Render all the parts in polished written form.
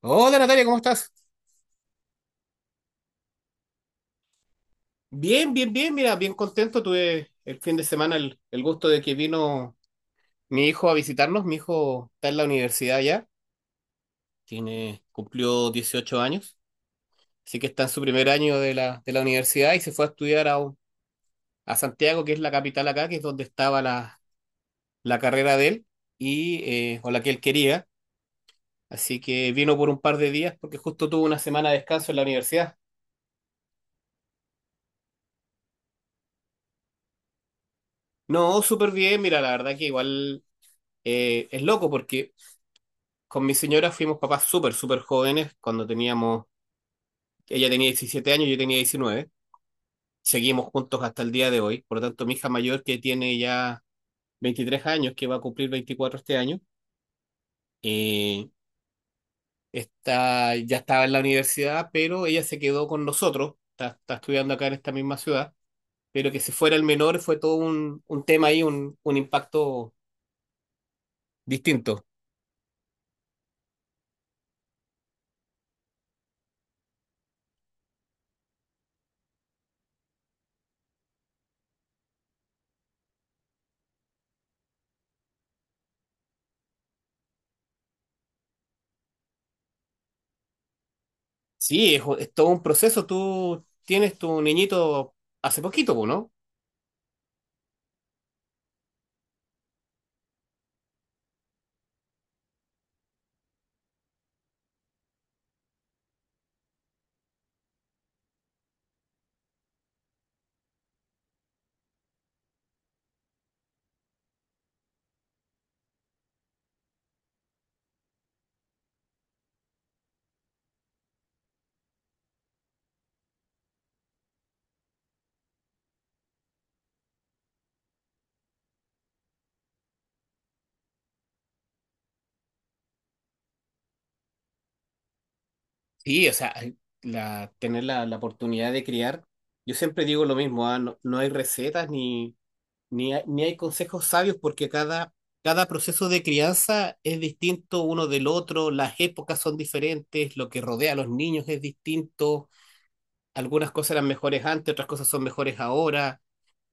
Hola Natalia, ¿cómo estás? Bien, bien, bien, mira, bien contento. Tuve el fin de semana el gusto de que vino mi hijo a visitarnos. Mi hijo está en la universidad ya, tiene, cumplió 18 años, así que está en su primer año de la universidad y se fue a estudiar a, a Santiago, que es la capital acá, que es donde estaba la carrera de él y, o la que él quería. Así que vino por un par de días porque justo tuvo una semana de descanso en la universidad. No, súper bien, mira, la verdad que igual es loco porque... Con mi señora fuimos papás súper, súper jóvenes, cuando teníamos, ella tenía 17 años, yo tenía 19, seguimos juntos hasta el día de hoy, por lo tanto mi hija mayor que tiene ya 23 años, que va a cumplir 24 este año, eh, está, ya estaba en la universidad, pero ella se quedó con nosotros, está, está estudiando acá en esta misma ciudad, pero que se fuera el menor fue todo un tema ahí, un impacto distinto. Sí, es todo un proceso, tú tienes tu niñito hace poquito, ¿no? Sí, o sea, tener la oportunidad de criar, yo siempre digo lo mismo, ah, no, no hay recetas ni, ni hay consejos sabios porque cada, cada proceso de crianza es distinto uno del otro, las épocas son diferentes, lo que rodea a los niños es distinto, algunas cosas eran mejores antes, otras cosas son mejores ahora,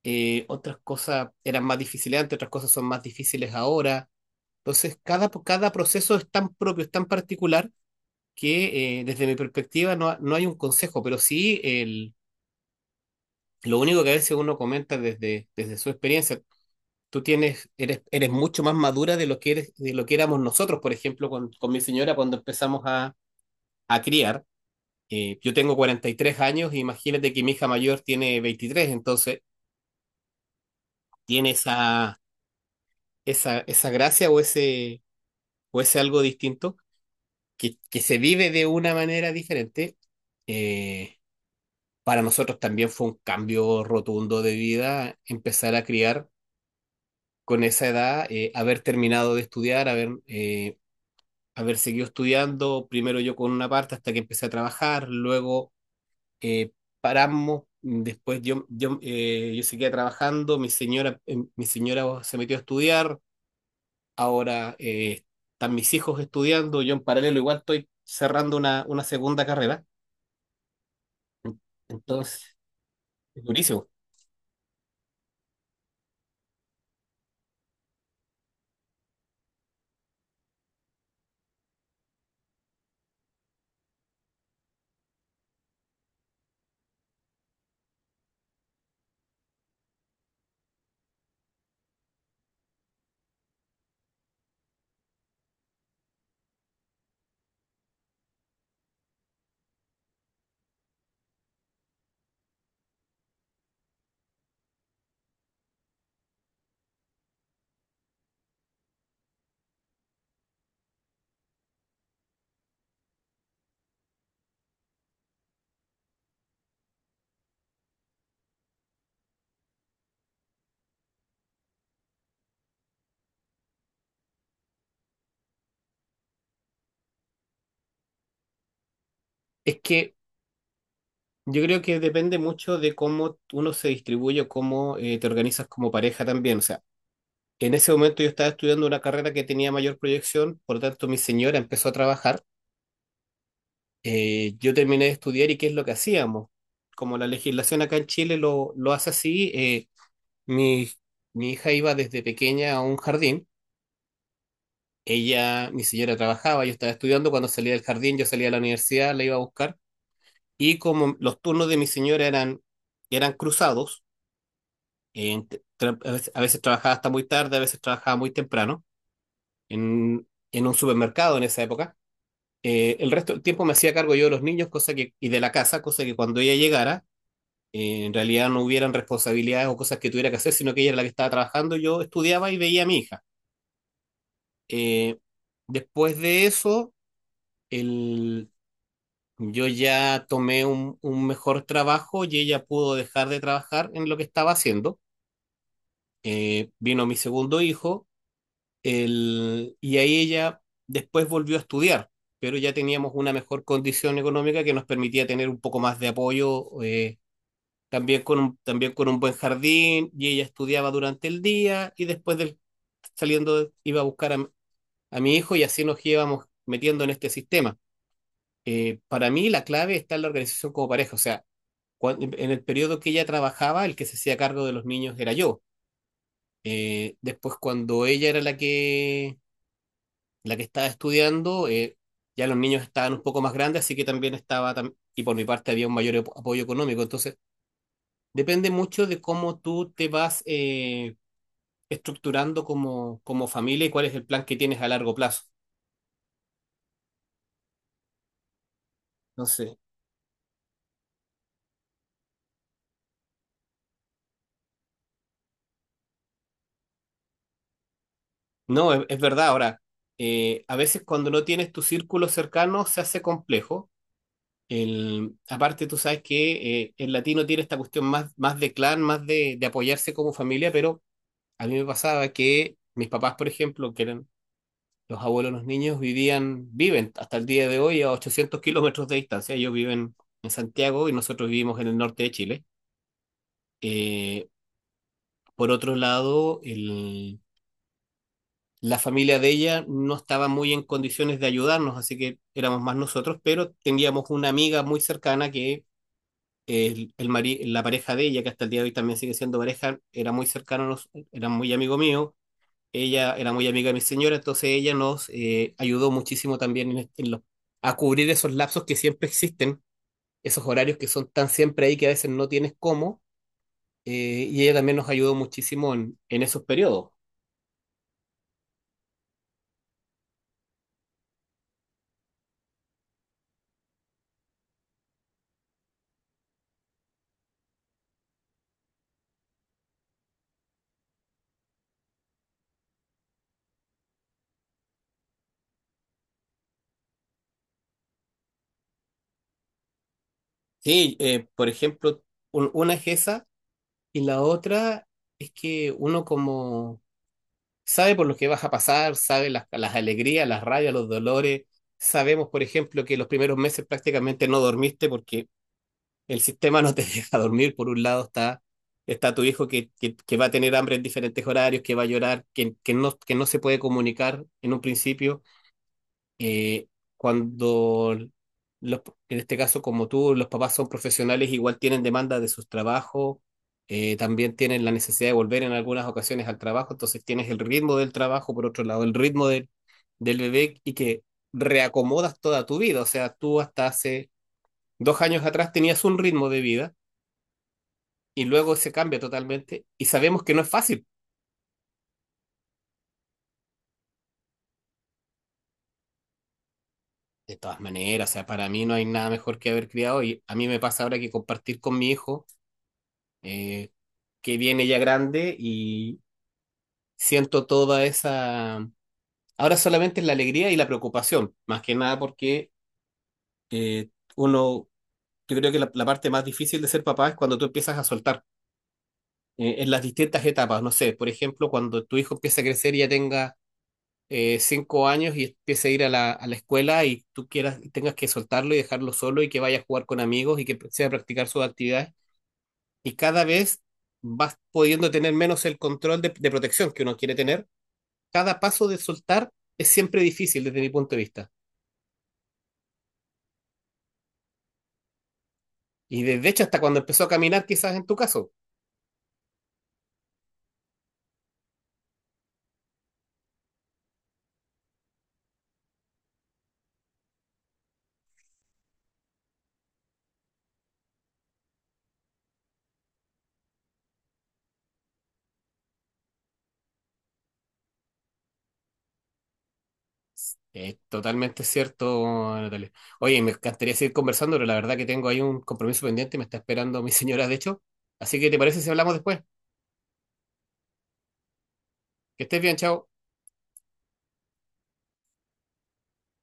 otras cosas eran más difíciles antes, otras cosas son más difíciles ahora. Entonces, cada, cada proceso es tan propio, es tan particular que desde mi perspectiva no, no hay un consejo, pero sí lo único que a veces uno comenta desde, desde su experiencia. Tú tienes, eres, eres mucho más madura de lo que eres, de lo que éramos nosotros, por ejemplo, con mi señora cuando empezamos a criar. Yo tengo 43 años, e imagínate que mi hija mayor tiene 23, entonces tiene esa, esa gracia o ese algo distinto que se vive de una manera diferente. Eh, para nosotros también fue un cambio rotundo de vida empezar a criar con esa edad, haber terminado de estudiar, haber, haber seguido estudiando, primero yo con una parte hasta que empecé a trabajar, luego eh, paramos, después yo seguía trabajando, mi señora se metió a estudiar, ahora están mis hijos estudiando, yo en paralelo igual estoy cerrando una segunda carrera, entonces es durísimo. Es que yo creo que depende mucho de cómo uno se distribuye o cómo te organizas como pareja también. O sea, en ese momento yo estaba estudiando una carrera que tenía mayor proyección, por lo tanto mi señora empezó a trabajar. Yo terminé de estudiar y ¿qué es lo que hacíamos? Como la legislación acá en Chile lo hace así, mi, mi hija iba desde pequeña a un jardín. Ella, mi señora trabajaba, yo estaba estudiando. Cuando salía del jardín, yo salía a la universidad, la iba a buscar. Y como los turnos de mi señora eran, eran cruzados, en- a veces trabajaba hasta muy tarde, a veces trabajaba muy temprano en un supermercado en esa época. El resto del tiempo me hacía cargo yo de los niños cosa que, y de la casa, cosa que cuando ella llegara, en realidad no hubieran responsabilidades o cosas que tuviera que hacer, sino que ella era la que estaba trabajando, yo estudiaba y veía a mi hija. Eh, Después de eso, el, yo ya tomé un mejor trabajo y ella pudo dejar de trabajar en lo que estaba haciendo. Vino mi segundo hijo. Y ahí ella después volvió a estudiar, pero ya teníamos una mejor condición económica que nos permitía tener un poco más de apoyo, también con un buen jardín, y ella estudiaba durante el día y después saliendo iba a buscar a mi hijo y así nos íbamos metiendo en este sistema. Para mí la clave está en la organización como pareja, o sea, cuando, en el periodo que ella trabajaba, el que se hacía cargo de los niños era yo. Después cuando ella era la que estaba estudiando, ya los niños estaban un poco más grandes, así que también estaba, y por mi parte había un mayor apoyo económico. Entonces, depende mucho de cómo tú te vas estructurando como, como familia y cuál es el plan que tienes a largo plazo. Entonces, no, es verdad. Ahora, a veces cuando no tienes tu círculo cercano se hace complejo. Aparte, tú sabes que el latino tiene esta cuestión más, más de clan, más de apoyarse como familia, pero a mí me pasaba que mis papás, por ejemplo, que eran los abuelos, de los niños vivían, viven hasta el día de hoy a 800 kilómetros de distancia. Ellos viven en Santiago y nosotros vivimos en el norte de Chile. Eh, por otro lado, la familia de ella no estaba muy en condiciones de ayudarnos, así que éramos más nosotros, pero teníamos una amiga muy cercana que la pareja de ella, que hasta el día de hoy también sigue siendo pareja, era muy cercano, era muy amigo mío, ella era muy amiga de mi señora, entonces ella nos ayudó muchísimo también en, en a cubrir esos lapsos que siempre existen, esos horarios que son tan siempre ahí que a veces no tienes cómo, y ella también nos ayudó muchísimo en esos periodos. Sí, por ejemplo, una es esa y la otra es que uno como sabe por lo que vas a pasar, sabe las alegrías, las rabias, los dolores. Sabemos, por ejemplo, que los primeros meses prácticamente no dormiste porque el sistema no te deja dormir, por un lado está, está tu hijo que va a tener hambre en diferentes horarios, que va a llorar, que no se puede comunicar en un principio. Eh, Cuando los, en este caso como tú, los papás son profesionales, igual tienen demanda de sus trabajos, también tienen la necesidad de volver en algunas ocasiones al trabajo, entonces tienes el ritmo del trabajo, por otro lado, el ritmo del, del bebé y que reacomodas toda tu vida, o sea, tú hasta hace 2 años atrás tenías un ritmo de vida y luego se cambia totalmente y sabemos que no es fácil. De todas maneras, o sea, para mí no hay nada mejor que haber criado y a mí me pasa ahora que compartir con mi hijo, eh, que viene ya grande y siento toda esa... Ahora solamente es la alegría y la preocupación, más que nada porque eh, uno, yo creo que la parte más difícil de ser papá es cuando tú empiezas a soltar en las distintas etapas, no sé, por ejemplo, cuando tu hijo empieza a crecer y ya tenga 5 años y empiece a ir a a la escuela y tú quieras, tengas que soltarlo y dejarlo solo y que vaya a jugar con amigos y que sea a practicar sus actividades. Y cada vez vas pudiendo tener menos el control de protección que uno quiere tener. Cada paso de soltar es siempre difícil desde mi punto de vista. Y desde hecho hasta cuando empezó a caminar, quizás en tu caso. Es totalmente cierto, Natalia. Oye, me encantaría seguir conversando, pero la verdad que tengo ahí un compromiso pendiente, me está esperando mi señora, de hecho. Así que, ¿te parece si hablamos después? Que estés bien, chao.